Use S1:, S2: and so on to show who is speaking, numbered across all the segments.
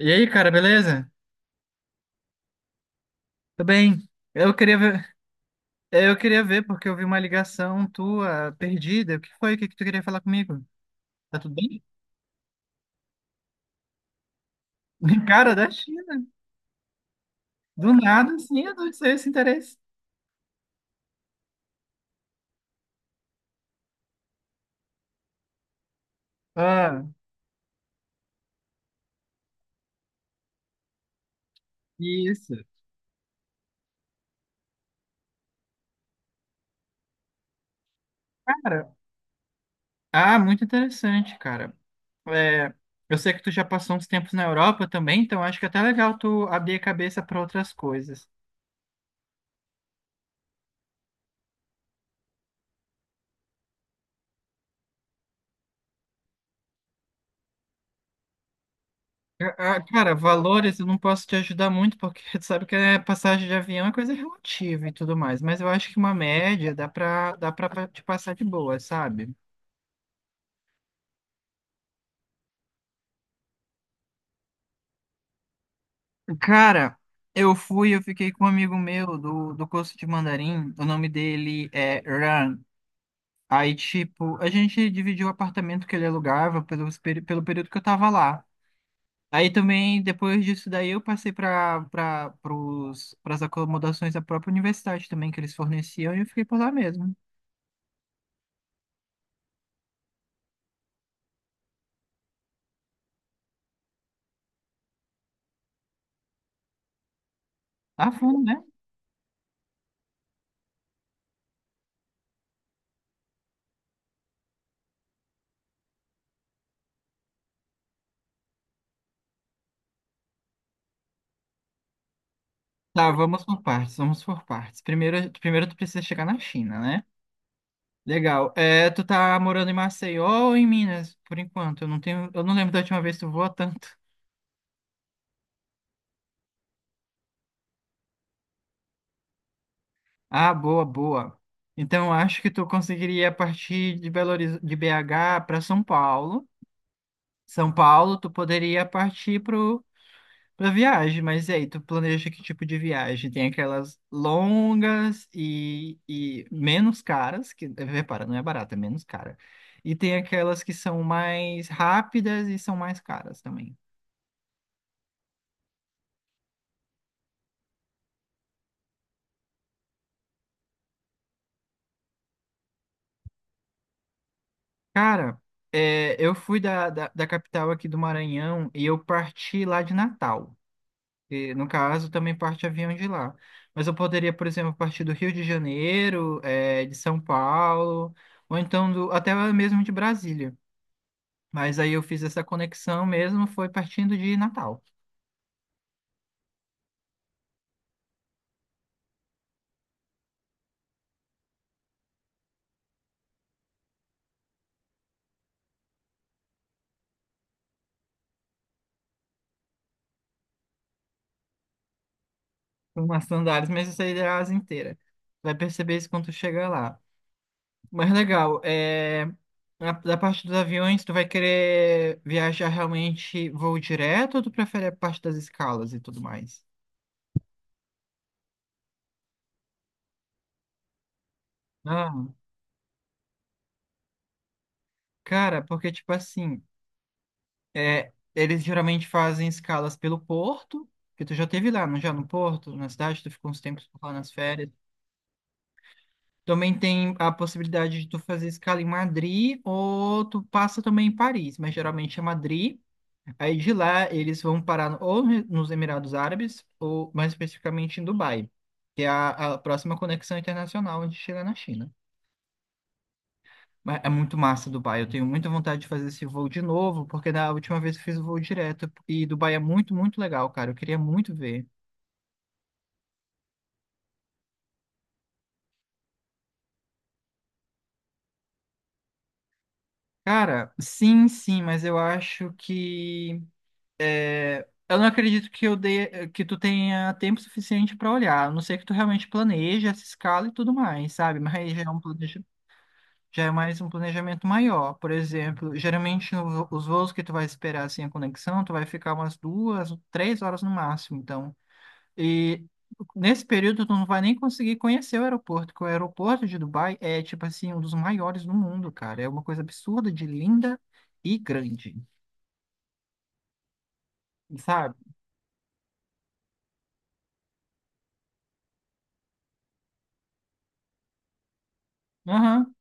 S1: E aí, cara, beleza? Tudo bem? Eu queria ver porque eu vi uma ligação tua perdida. O que foi? O que que tu queria falar comigo? Tá tudo bem? Cara, da China. Do nada, sim, eu não sei esse interesse. Ah, isso. Cara, ah, muito interessante, cara. É, eu sei que tu já passou uns tempos na Europa também, então acho que é até legal tu abrir a cabeça para outras coisas. Cara, valores eu não posso te ajudar muito, porque tu sabe que é passagem de avião é coisa relativa e tudo mais, mas eu acho que uma média dá pra te passar de boa, sabe? Cara, eu fui, eu fiquei com um amigo meu do curso de mandarim, o nome dele é Ran. Aí, tipo, a gente dividiu o apartamento que ele alugava pelo, pelo período que eu tava lá. Aí também, depois disso daí, eu passei para as acomodações da própria universidade também, que eles forneciam, e eu fiquei por lá mesmo. Ah, vamos, né? Tá, vamos por partes. Primeiro tu precisa chegar na China, né? Legal. É, tu tá morando em Maceió ou em Minas, por enquanto? Eu não lembro da última vez que tu voou tanto. Ah, boa, boa. Então, eu acho que tu conseguiria partir de de BH para São Paulo. São Paulo, tu poderia partir para pra viagem, mas e aí, tu planeja que tipo de viagem? Tem aquelas longas e menos caras, que repara, não é barata, é menos cara. E tem aquelas que são mais rápidas e são mais caras também. Cara, é, eu fui da capital aqui do Maranhão e eu parti lá de Natal. E, no caso, também parte avião de lá. Mas eu poderia, por exemplo, partir do Rio de Janeiro, é, de São Paulo, ou então até mesmo de Brasília. Mas aí eu fiz essa conexão mesmo, foi partindo de Natal. Umas sandálias, mas isso aí é a asa inteira. Vai perceber isso quando tu chegar lá. Mas legal, da parte dos aviões, tu vai querer viajar realmente voo direto ou tu prefere a parte das escalas e tudo mais? Ah, cara, porque tipo assim, eles geralmente fazem escalas pelo porto, que tu já teve lá, não já no porto, na cidade, tu ficou uns tempos lá nas férias. Também tem a possibilidade de tu fazer escala em Madrid ou tu passa também em Paris, mas geralmente é Madrid. Aí de lá eles vão parar nos Emirados Árabes ou mais especificamente em Dubai, que é a próxima conexão internacional onde chega na China. Mas é muito massa Dubai, eu tenho muita vontade de fazer esse voo de novo, porque da última vez eu fiz o voo direto e Dubai é muito, muito legal, cara. Eu queria muito ver. Cara, sim, sim, mas eu acho que é, eu não acredito que tu tenha tempo suficiente para olhar. A não ser que tu realmente planeje essa escala e tudo mais, sabe? Mas já é mais um planejamento maior. Por exemplo, geralmente os voos que tu vai esperar assim a conexão, tu vai ficar umas duas, três horas no máximo. Então, e nesse período tu não vai nem conseguir conhecer o aeroporto, porque o aeroporto de Dubai é tipo assim um dos maiores do mundo, cara. É uma coisa absurda de linda e grande, sabe? Aham.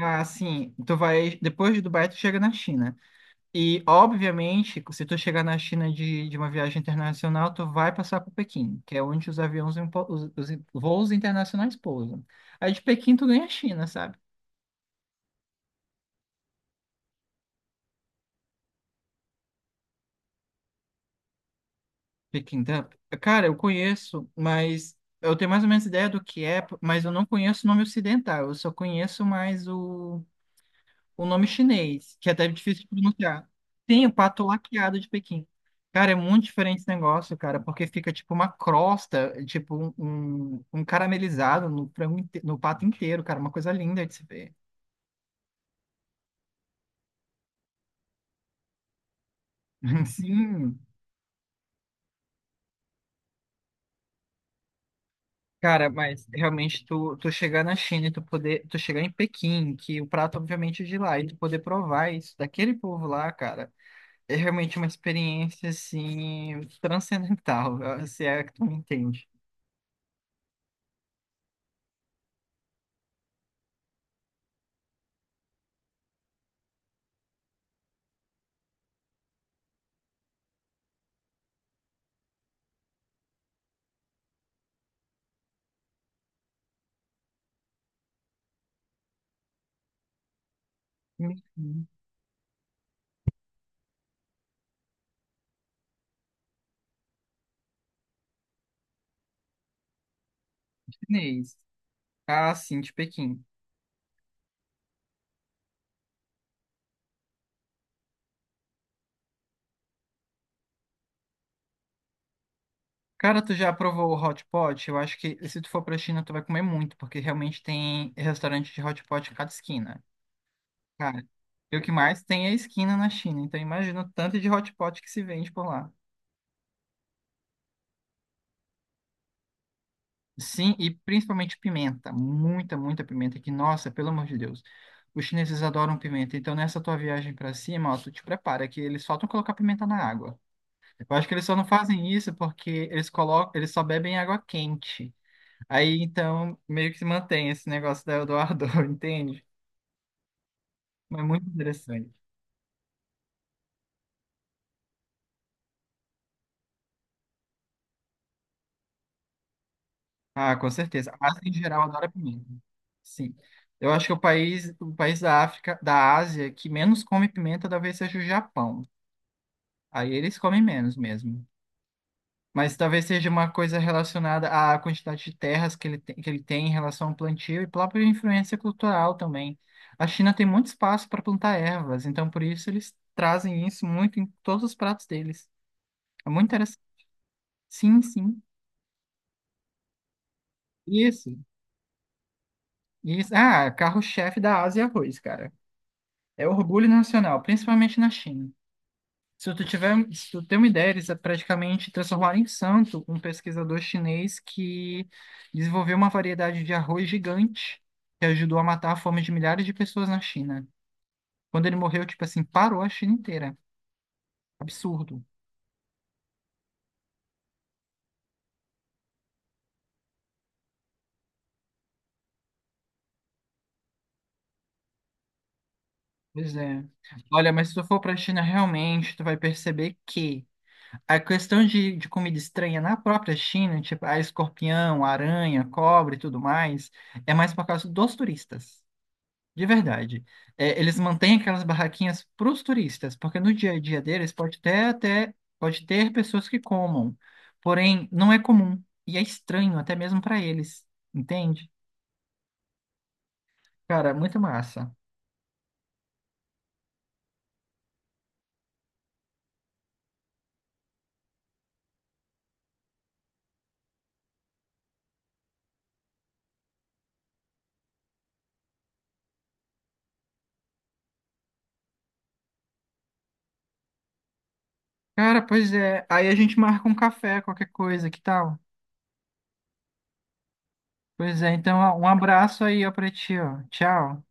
S1: Ah, sim. Tu vai, depois de Dubai, tu chega na China. E, obviamente, se tu chegar na China de uma viagem internacional, tu vai passar por Pequim, que é onde os aviões, os voos internacionais pousam. Aí de Pequim tu ganha a China, sabe? Pequim, tá? Cara, eu conheço, mas eu tenho mais ou menos ideia do que é, mas eu não conheço o nome ocidental. Eu só conheço mais o nome chinês, que é até difícil de pronunciar. Tem o pato laqueado de Pequim. Cara, é muito diferente esse negócio, cara, porque fica tipo uma crosta, tipo um caramelizado no frango, no pato inteiro, cara, uma coisa linda de se ver. Sim. Cara, mas realmente tu chegar na China tu chegar em Pequim, que o prato obviamente é de lá, e tu poder provar isso daquele povo lá, cara, é realmente uma experiência assim transcendental, se é que tu me entende. Chinês. Ah, sim, de Pequim. Cara, tu já provou o hot pot? Eu acho que se tu for pra China, tu vai comer muito, porque realmente tem restaurante de hot pot em cada esquina. Cara, e o que mais tem é esquina na China, então imagina o tanto de hot pot que se vende por lá. Sim, e principalmente pimenta. Muita pimenta, que, nossa, pelo amor de Deus. Os chineses adoram pimenta, então nessa tua viagem pra cima, ó, tu te prepara, que eles faltam colocar pimenta na água. Eu acho que eles só não fazem isso porque eles colocam, eles só bebem água quente. Aí então meio que se mantém esse negócio da Eldorado, entende? Mas muito interessante. Ah, com certeza. A Ásia em geral adora pimenta. Sim. Eu acho que o país da África, da Ásia, que menos come pimenta talvez seja o Japão. Aí eles comem menos mesmo. Mas talvez seja uma coisa relacionada à quantidade de terras que ele tem, em relação ao plantio e própria influência cultural também. A China tem muito espaço para plantar ervas, então por isso eles trazem isso muito em todos os pratos deles. É muito interessante. Sim, sim. Isso, isso. Ah, carro-chefe da Ásia é arroz, cara. É orgulho nacional, principalmente na China. Se tu tem uma ideia, eles praticamente transformaram em santo um pesquisador chinês que desenvolveu uma variedade de arroz gigante que ajudou a matar a fome de milhares de pessoas na China. Quando ele morreu, tipo assim, parou a China inteira. Absurdo. Pois é. Olha, mas se tu for pra China realmente, tu vai perceber que a questão de comida estranha na própria China, tipo a escorpião, a aranha, cobra e tudo mais, é mais por causa dos turistas, de verdade. É, eles mantêm aquelas barraquinhas para os turistas, porque no dia a dia deles pode ter pessoas que comam, porém não é comum e é estranho até mesmo para eles, entende? Cara, muito massa. Cara, pois é. Aí a gente marca um café, qualquer coisa, que tal? Pois é. Então, ó, um abraço aí ó, para ti, ó. Tchau.